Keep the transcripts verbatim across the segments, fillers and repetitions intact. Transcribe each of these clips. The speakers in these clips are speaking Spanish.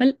Hol-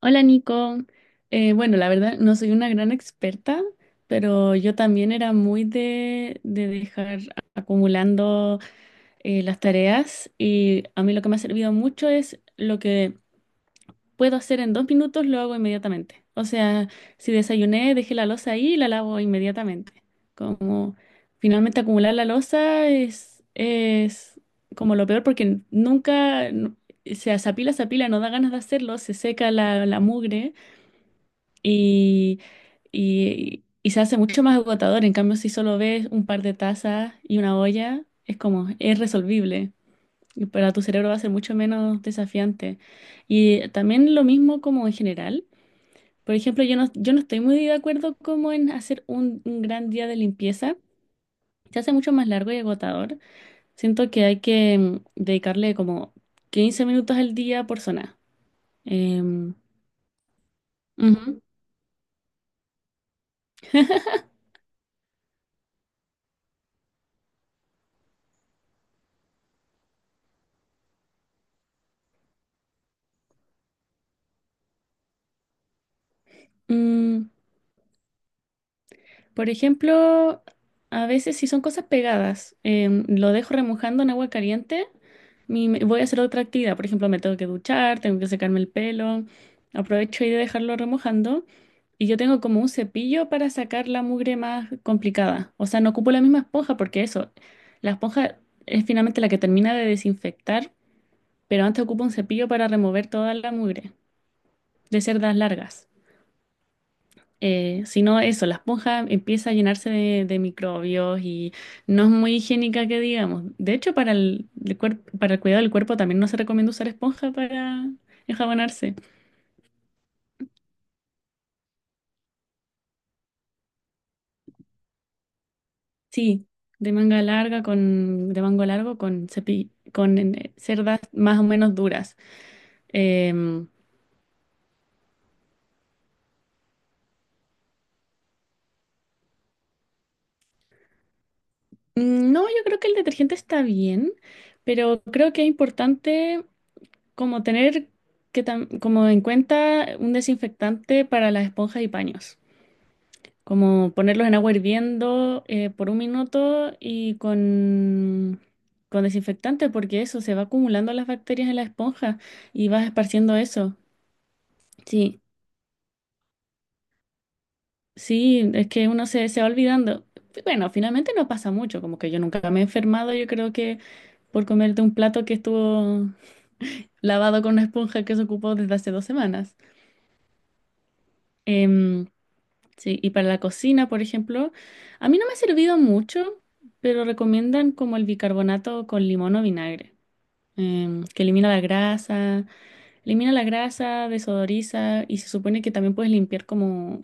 Hola Nico. Eh, bueno, la verdad no soy una gran experta, pero yo también era muy de, de dejar a- acumulando eh, las tareas, y a mí lo que me ha servido mucho es lo que puedo hacer en dos minutos, lo hago inmediatamente. O sea, si desayuné, dejé la loza ahí y la lavo inmediatamente. Como finalmente acumular la loza es, es como lo peor porque nunca... no- se, se apila, se apila, no da ganas de hacerlo, se seca la, la mugre y, y, y se hace mucho más agotador. En cambio, si solo ves un par de tazas y una olla, es como, es resolvible. Y para tu cerebro va a ser mucho menos desafiante. Y también lo mismo como en general. Por ejemplo, yo no, yo no estoy muy de acuerdo como en hacer un, un gran día de limpieza. Se hace mucho más largo y agotador. Siento que hay que mm, dedicarle como quince minutos al día por zona. Em, Ujú. Mm, Por ejemplo, a veces si son cosas pegadas, em, lo dejo remojando en agua caliente, mi- me- voy a hacer otra actividad. Por ejemplo, me tengo que duchar, tengo que secarme el pelo, aprovecho ahí de dejarlo remojando. Y yo tengo como un cepillo para sacar la mugre más complicada. O sea, no ocupo la misma esponja porque eso, la esponja es finalmente la que termina de desinfectar, pero antes ocupo un cepillo para remover toda la mugre de cerdas largas. Eh, si no, eso, la esponja empieza a llenarse de, de microbios, y no es muy higiénica que digamos. De hecho, para el, el cuer- para el cuidado del cuerpo también no se recomienda usar esponja para enjabonarse. Sí, de manga larga con, de mango largo con cepi- con eh, cerdas más o menos duras. Em, no, yo creo que el detergente está bien, pero creo que es importante como tener que tam- como en cuenta un desinfectante para las esponjas y paños. Como ponerlos en agua hirviendo eh, por un minuto y con, con desinfectante, porque eso se va acumulando las bacterias en la esponja y vas esparciendo eso. Sí, sí, es que uno se, se va olvidando. Bueno, finalmente no pasa mucho, como que yo nunca me he enfermado, yo creo que por comerte un plato que estuvo lavado con una esponja que se ocupó desde hace dos semanas. Em, Sí, y para la cocina, por ejemplo, a mí no me ha servido mucho, pero recomiendan como el bicarbonato con limón o vinagre, em, que elimina la grasa, elimina la grasa, desodoriza y se supone que también puedes limpiar como,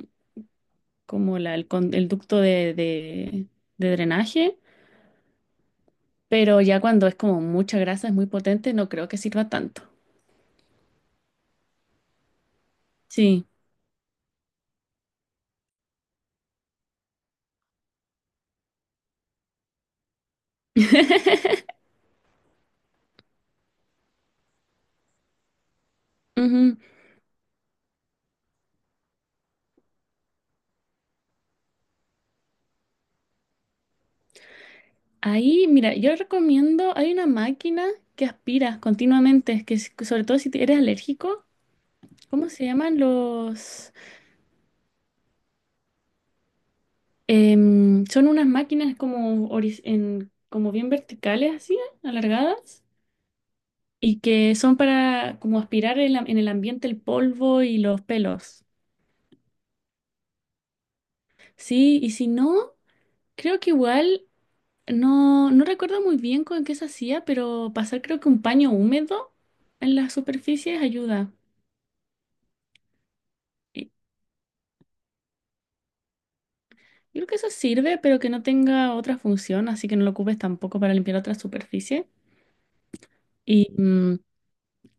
como la- el, con- el ducto de, de- de drenaje, pero ya cuando es como mucha grasa, es muy potente, no creo que sirva tanto. Sí. Ujú. Ahí, mira, yo recomiendo, hay una máquina que aspira continuamente, que es- sobre todo si te- eres alérgico. ¿Cómo se llaman los? Em, son unas máquinas como, horiz- en- como bien verticales, así, alargadas, y que son para como aspirar el am- en el ambiente el polvo y los pelos. Sí, y si no, creo que igual, no, no recuerdo muy bien con qué se hacía, pero pasar creo que un paño húmedo en las superficies ayuda. Y- Yo creo que eso sirve, pero que no tenga otra función, así que no lo ocupes tampoco para limpiar otra superficie. Y, mm,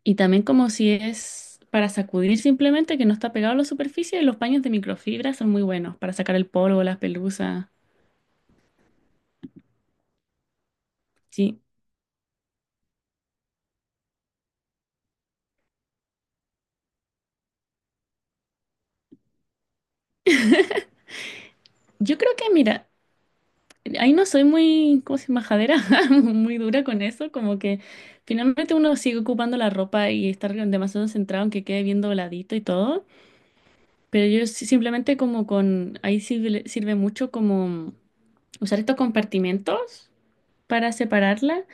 Y también como si es para sacudir simplemente, que no está pegado a la superficie, y los paños de microfibra son muy buenos para sacar el polvo, las pelusas. Sí, yo creo que, mira, ahí no soy muy, ¿cómo se llama? Majadera, muy dura con eso, como que finalmente uno sigue ocupando la ropa y estar demasiado centrado en que quede bien dobladito y todo, pero yo sí- simplemente como con, ahí sirve, sirve mucho como usar estos compartimentos para separarla,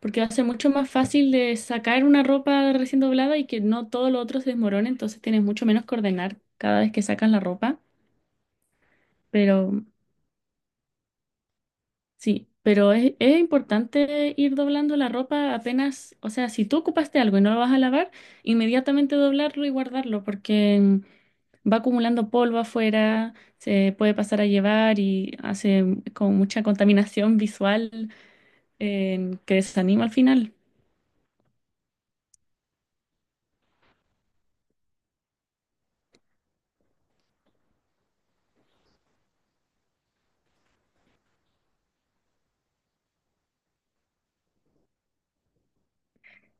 porque va a ser mucho más fácil de sacar una ropa recién doblada y que no todo lo otro se desmorone, entonces tienes mucho menos que ordenar cada vez que sacas la ropa. Pero sí, pero es, es importante ir doblando la ropa apenas, o sea, si tú ocupaste algo y no lo vas a lavar, inmediatamente doblarlo y guardarlo, porque mm, va acumulando polvo afuera, se puede pasar a llevar y hace como mucha contaminación visual, eh, que desanima al final.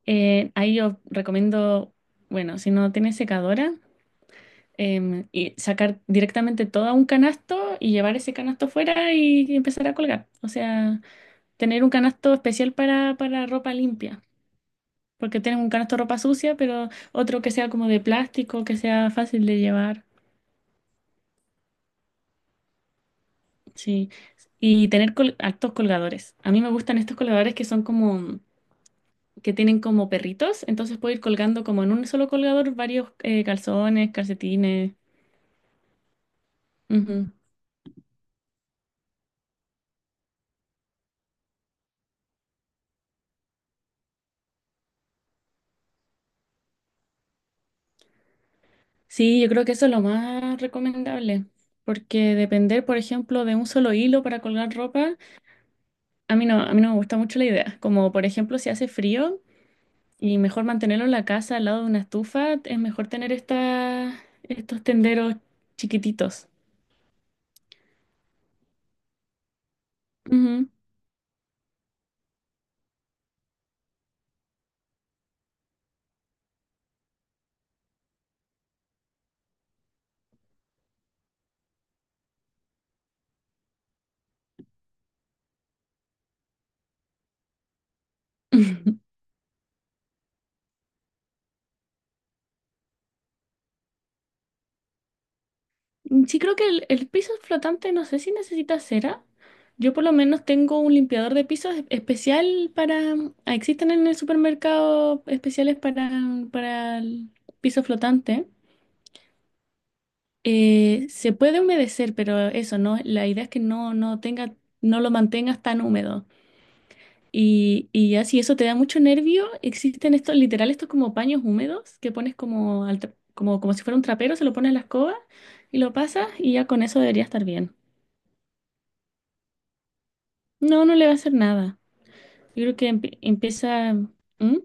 Eh, ahí yo recomiendo, bueno, si no tienes secadora, em, y sacar directamente todo a un canasto y llevar ese canasto fuera y empezar a colgar. O sea, tener un canasto especial para, para ropa limpia, porque tienes un canasto de ropa sucia, pero otro que sea como de plástico, que sea fácil de llevar. Sí. Y tener col- altos colgadores. A mí me gustan estos colgadores que son como... que tienen como perritos, entonces puedo ir colgando como en un solo colgador varios eh, calzones, calcetines. Ujú. Sí, yo creo que eso es lo más recomendable, porque depender, por ejemplo, de un solo hilo para colgar ropa, a mí no, a mí no me gusta mucho la idea. Como, por ejemplo, si hace frío y mejor mantenerlo en la casa al lado de una estufa, es mejor tener estas estos tenderos chiquititos. Ujú. Sí, creo que el, el piso flotante no sé si necesita cera. Yo por lo menos tengo un limpiador de pisos es- especial para... ah, Existen en el supermercado especiales para, para el piso flotante. Eh, se puede humedecer, pero eso, ¿no? La idea es que no, no tenga, no lo mantengas tan húmedo. Y, y ya si eso te da mucho nervio, existen estos, literal, estos como paños húmedos que pones como, al tra- como, como si fuera un trapero, se lo pones en la escoba y lo pasas y ya con eso debería estar bien. No, no le va a hacer nada. Yo creo que empie- empieza... ¿Mm?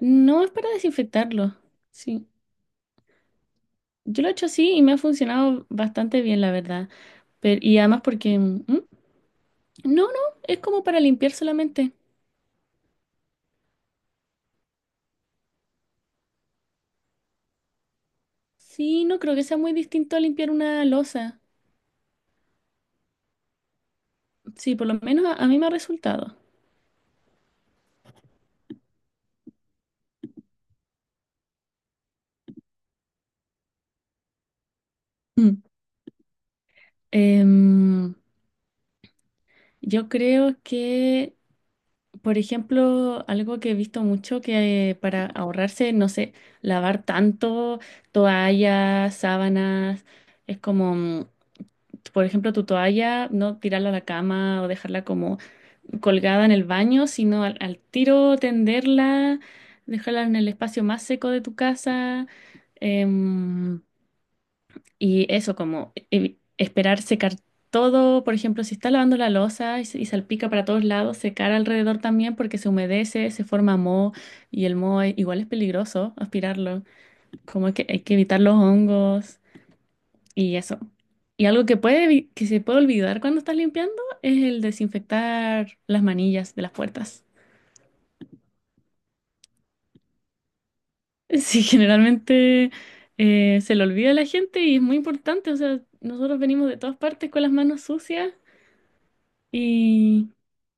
No es para desinfectarlo. Sí. Yo lo he hecho así y me ha funcionado bastante bien, la verdad. Pero, y además porque... ¿Mm? No, no, es como para limpiar solamente. Sí, no creo que sea muy distinto a limpiar una losa. Sí, por lo menos a, a mí me ha resultado. Mm. Em, yo creo que... Por ejemplo, algo que he visto mucho que eh, para ahorrarse, no sé, lavar tanto toallas, sábanas, es como, mm, por ejemplo, tu toalla, no tirarla a la cama o dejarla como colgada en el baño, sino al, al tiro tenderla, dejarla en el espacio más seco de tu casa. em, y eso, como evi- esperar secar todo, por ejemplo, si está lavando la losa y, se- y salpica para todos lados, secar alrededor también porque se humedece, se forma moho y el moho e- igual es peligroso aspirarlo, como que hay que evitar los hongos y eso. Y algo que puede, evi- que se puede olvidar cuando estás limpiando es el desinfectar las manillas de las puertas. Sí, generalmente eh, se le olvida a la gente y es muy importante, o sea, nosotros venimos de todas partes con las manos sucias, Y,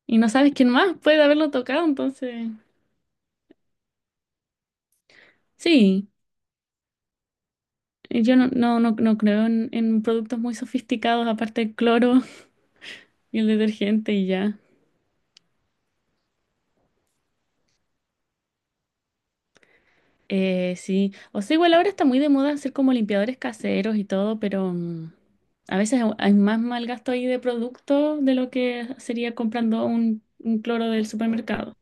y no sabes quién más puede haberlo tocado, entonces sí, eh, yo no, no, no, no creo en, en productos muy sofisticados, aparte del cloro y el detergente y ya. Eh, sí, o sea, igual ahora está muy de moda hacer como limpiadores caseros y todo, pero mm, a veces hay hay más mal gasto ahí de producto de lo que sería comprando un, un cloro del supermercado.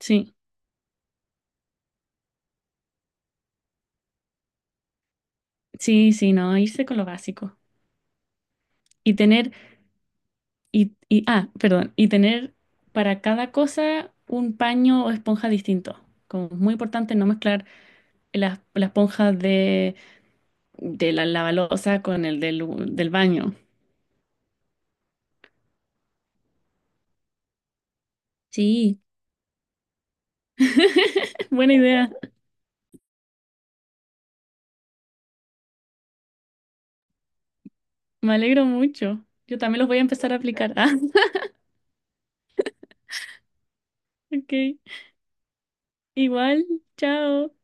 Sí, sí, sí, no, irse con lo básico. Y tener Y, y- ah, perdón, y tener para cada cosa un paño o esponja distinto. Como es muy importante no mezclar las la esponja de, de la lavalosa con el del, del baño. Sí, buena idea. Me alegro mucho. Yo también los voy a empezar a aplicar. Ah, ok. Igual, chao.